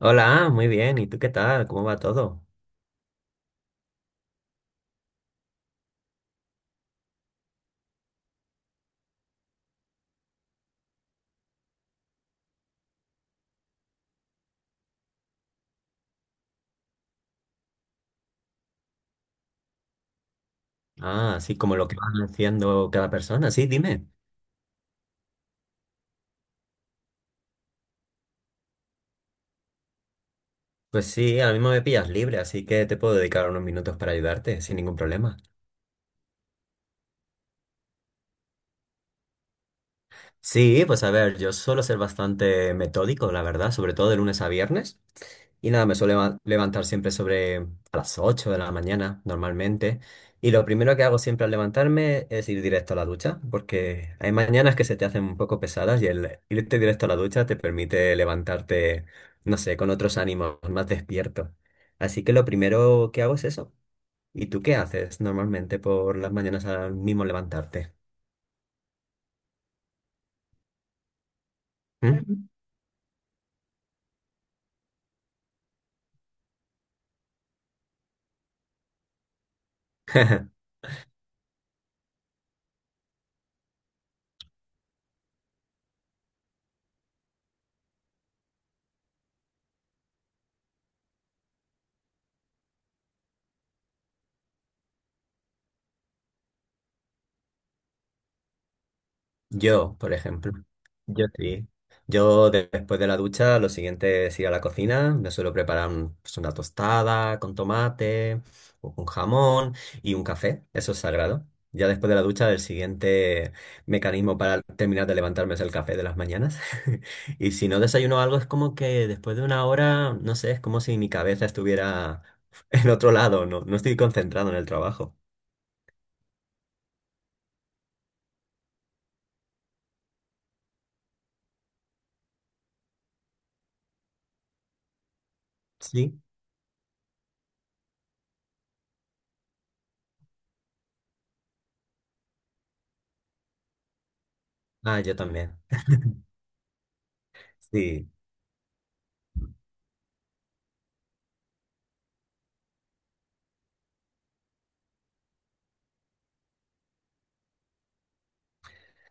Hola, muy bien. ¿Y tú qué tal? ¿Cómo va todo? Ah, sí, como lo que van haciendo cada persona. Sí, dime. Pues sí, ahora mismo me pillas libre, así que te puedo dedicar unos minutos para ayudarte, sin ningún problema. Sí, pues a ver, yo suelo ser bastante metódico, la verdad, sobre todo de lunes a viernes. Y nada, me suelo levantar siempre sobre a las 8 de la mañana, normalmente. Y lo primero que hago siempre al levantarme es ir directo a la ducha, porque hay mañanas que se te hacen un poco pesadas y el irte directo a la ducha te permite levantarte, no sé, con otros ánimos, más despierto. Así que lo primero que hago es eso. ¿Y tú qué haces normalmente por las mañanas al mismo levantarte? ¿Mm? Yo, por ejemplo, yo sí. Yo después de la ducha, lo siguiente es ir a la cocina. Me suelo preparar pues, una tostada con tomate, o con jamón y un café. Eso es sagrado. Ya después de la ducha, el siguiente mecanismo para terminar de levantarme es el café de las mañanas. Y si no desayuno algo, es como que después de una hora, no sé, es como si mi cabeza estuviera en otro lado. No, no estoy concentrado en el trabajo. Sí. Ah, yo también. Sí.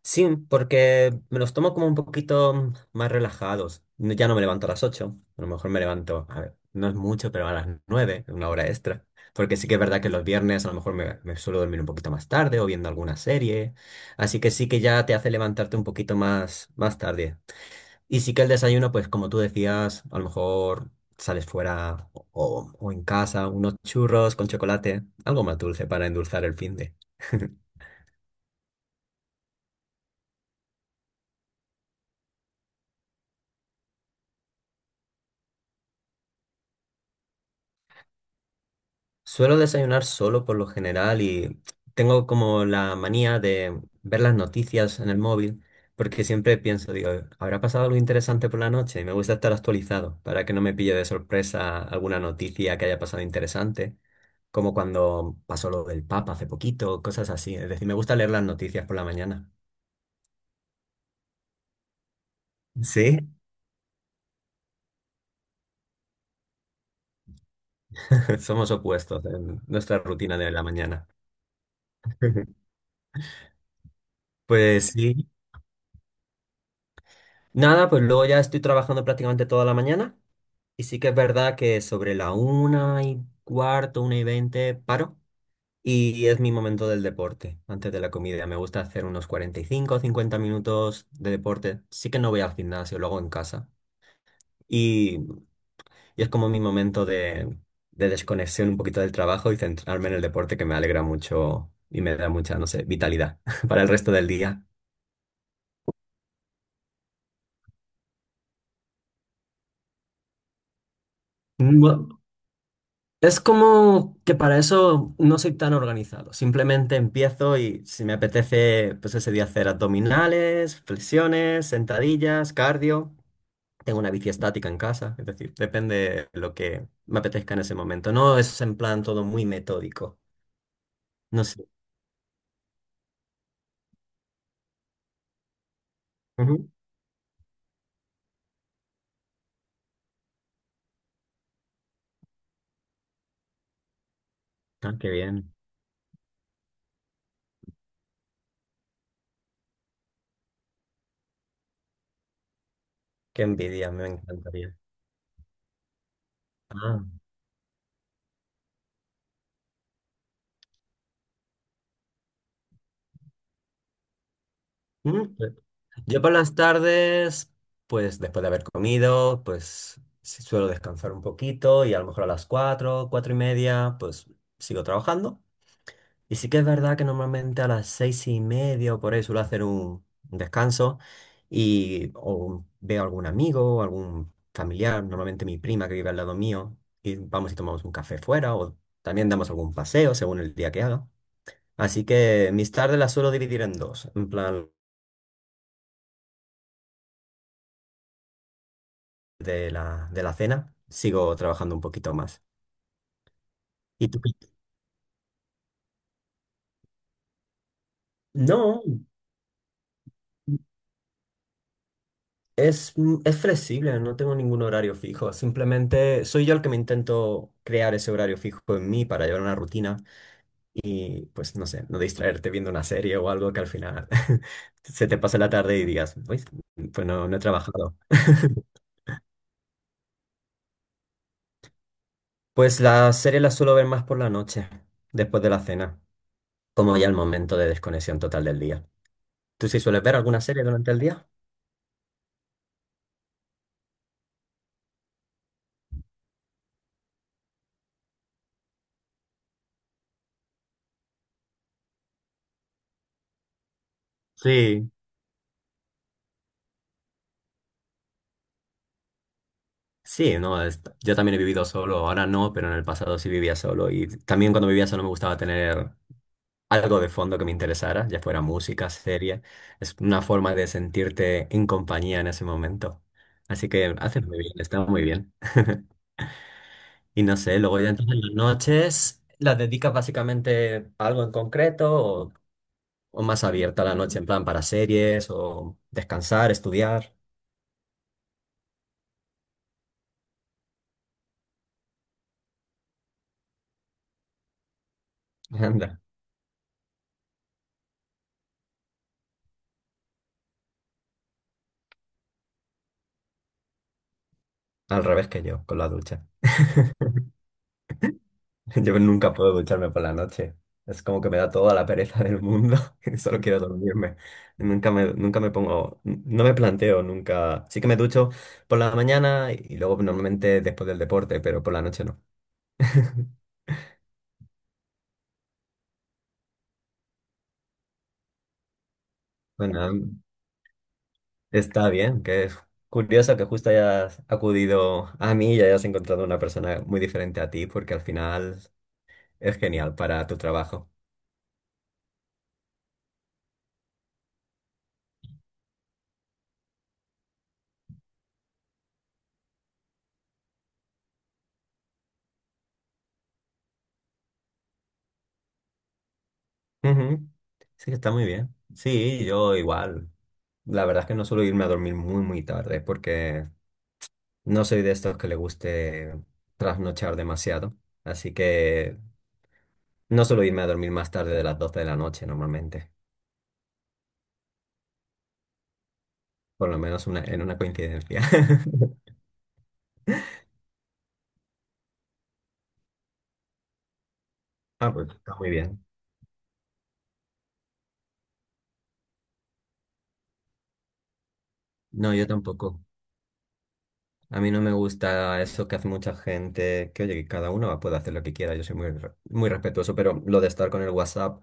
Sí, porque me los tomo como un poquito más relajados. Ya no me levanto a las 8. A lo mejor me levanto, a ver, no es mucho, pero a las 9, una hora extra. Porque sí que es verdad que los viernes a lo mejor me suelo dormir un poquito más tarde o viendo alguna serie. Así que sí que ya te hace levantarte un poquito más tarde. Y sí que el desayuno, pues como tú decías, a lo mejor sales fuera o en casa, unos churros con chocolate, algo más dulce para endulzar el fin de. Suelo desayunar solo por lo general y tengo como la manía de ver las noticias en el móvil porque siempre pienso, digo, ¿habrá pasado algo interesante por la noche? Y me gusta estar actualizado para que no me pille de sorpresa alguna noticia que haya pasado interesante, como cuando pasó lo del Papa hace poquito, cosas así. Es decir, me gusta leer las noticias por la mañana. Sí, somos opuestos en nuestra rutina de la mañana. Pues sí. Nada, pues luego ya estoy trabajando prácticamente toda la mañana. Y sí que es verdad que sobre la 1:15, 1:20, paro. Y es mi momento del deporte, antes de la comida. Me gusta hacer unos 45 o 50 minutos de deporte. Sí que no voy al gimnasio, lo hago en casa. Y, y es como mi momento de desconexión un poquito del trabajo y centrarme en el deporte que me alegra mucho y me da mucha, no sé, vitalidad para el resto del día. Es como que para eso no soy tan organizado. Simplemente empiezo y si me apetece, pues ese día hacer abdominales, flexiones, sentadillas, cardio. Tengo una bici estática en casa, es decir, depende de lo que me apetezca en ese momento. No es en plan todo muy metódico. No sé. Ujú. Ah, qué bien. Qué envidia, me encantaría. Ah. Pues yo por las tardes, pues después de haber comido, pues sí suelo descansar un poquito y a lo mejor a las 4, 4:30, pues sigo trabajando. Y sí que es verdad que normalmente a las 6:30 o por ahí suelo hacer un descanso y o veo algún amigo o algún familiar, normalmente mi prima que vive al lado mío, y vamos y tomamos un café fuera o también damos algún paseo según el día que haga. Así que mis tardes las suelo dividir en dos, en plan, de la cena, sigo trabajando un poquito más. ¿Y tú? ¿Qué? No, es flexible, no tengo ningún horario fijo, simplemente soy yo el que me intento crear ese horario fijo en mí para llevar una rutina y pues no sé, no distraerte viendo una serie o algo que al final se te pase la tarde y digas, pues no, no he trabajado. Pues las series las suelo ver más por la noche, después de la cena, como ya el momento de desconexión total del día. ¿Tú sí sueles ver alguna serie durante el día? Sí. Sí, no, yo también he vivido solo, ahora no, pero en el pasado sí vivía solo y también cuando vivía solo me gustaba tener algo de fondo que me interesara, ya fuera música, serie, es una forma de sentirte en compañía en ese momento. Así que haces muy bien, está muy bien. Y no sé, luego ya entonces las noches las dedicas básicamente a algo en concreto o más abierta la noche en plan para series o descansar, estudiar. Anda, al revés que yo, con la ducha. Yo nunca puedo ducharme por la noche. Es como que me da toda la pereza del mundo y solo quiero dormirme. Nunca me pongo, no me planteo nunca. Sí que me ducho por la mañana y luego normalmente después del deporte, pero por la noche no. Bueno, está bien, que es curioso que justo hayas acudido a mí y hayas encontrado una persona muy diferente a ti, porque al final es genial para tu trabajo. Ujú. Sí, está muy bien. Sí, yo igual. La verdad es que no suelo irme a dormir muy, muy tarde porque no soy de estos que le guste trasnochar demasiado. Así que no suelo irme a dormir más tarde de las 12 de la noche normalmente. Por lo menos una, en una coincidencia. Ah, pues está muy bien. No, yo tampoco. A mí no me gusta eso que hace mucha gente, que oye, que cada uno puede hacer lo que quiera, yo soy muy, muy respetuoso, pero lo de estar con el WhatsApp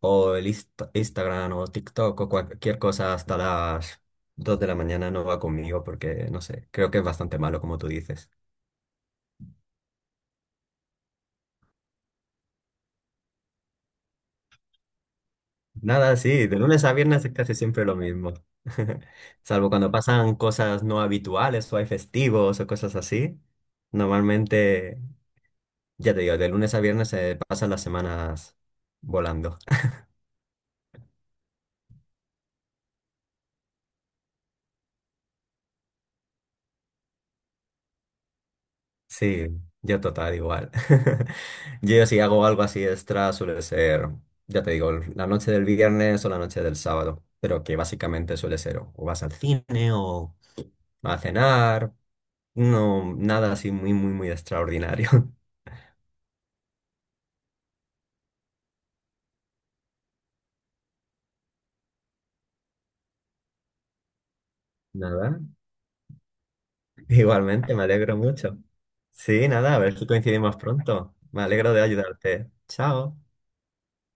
o el Instagram o TikTok o cualquier cosa hasta las 2 de la mañana no va conmigo porque, no sé, creo que es bastante malo como tú dices. Nada, sí, de lunes a viernes es casi siempre lo mismo, salvo cuando pasan cosas no habituales o hay festivos o cosas así. Normalmente, ya te digo, de lunes a viernes se pasan las semanas volando. Sí, yo total igual. Yo si hago algo así extra suele ser, ya te digo, la noche del viernes o la noche del sábado, pero que básicamente suele ser o vas al cine o a cenar, no, nada así muy, muy, muy extraordinario. Nada, igualmente, me alegro mucho. Sí, nada, a ver si coincidimos pronto. Me alegro de ayudarte. Chao.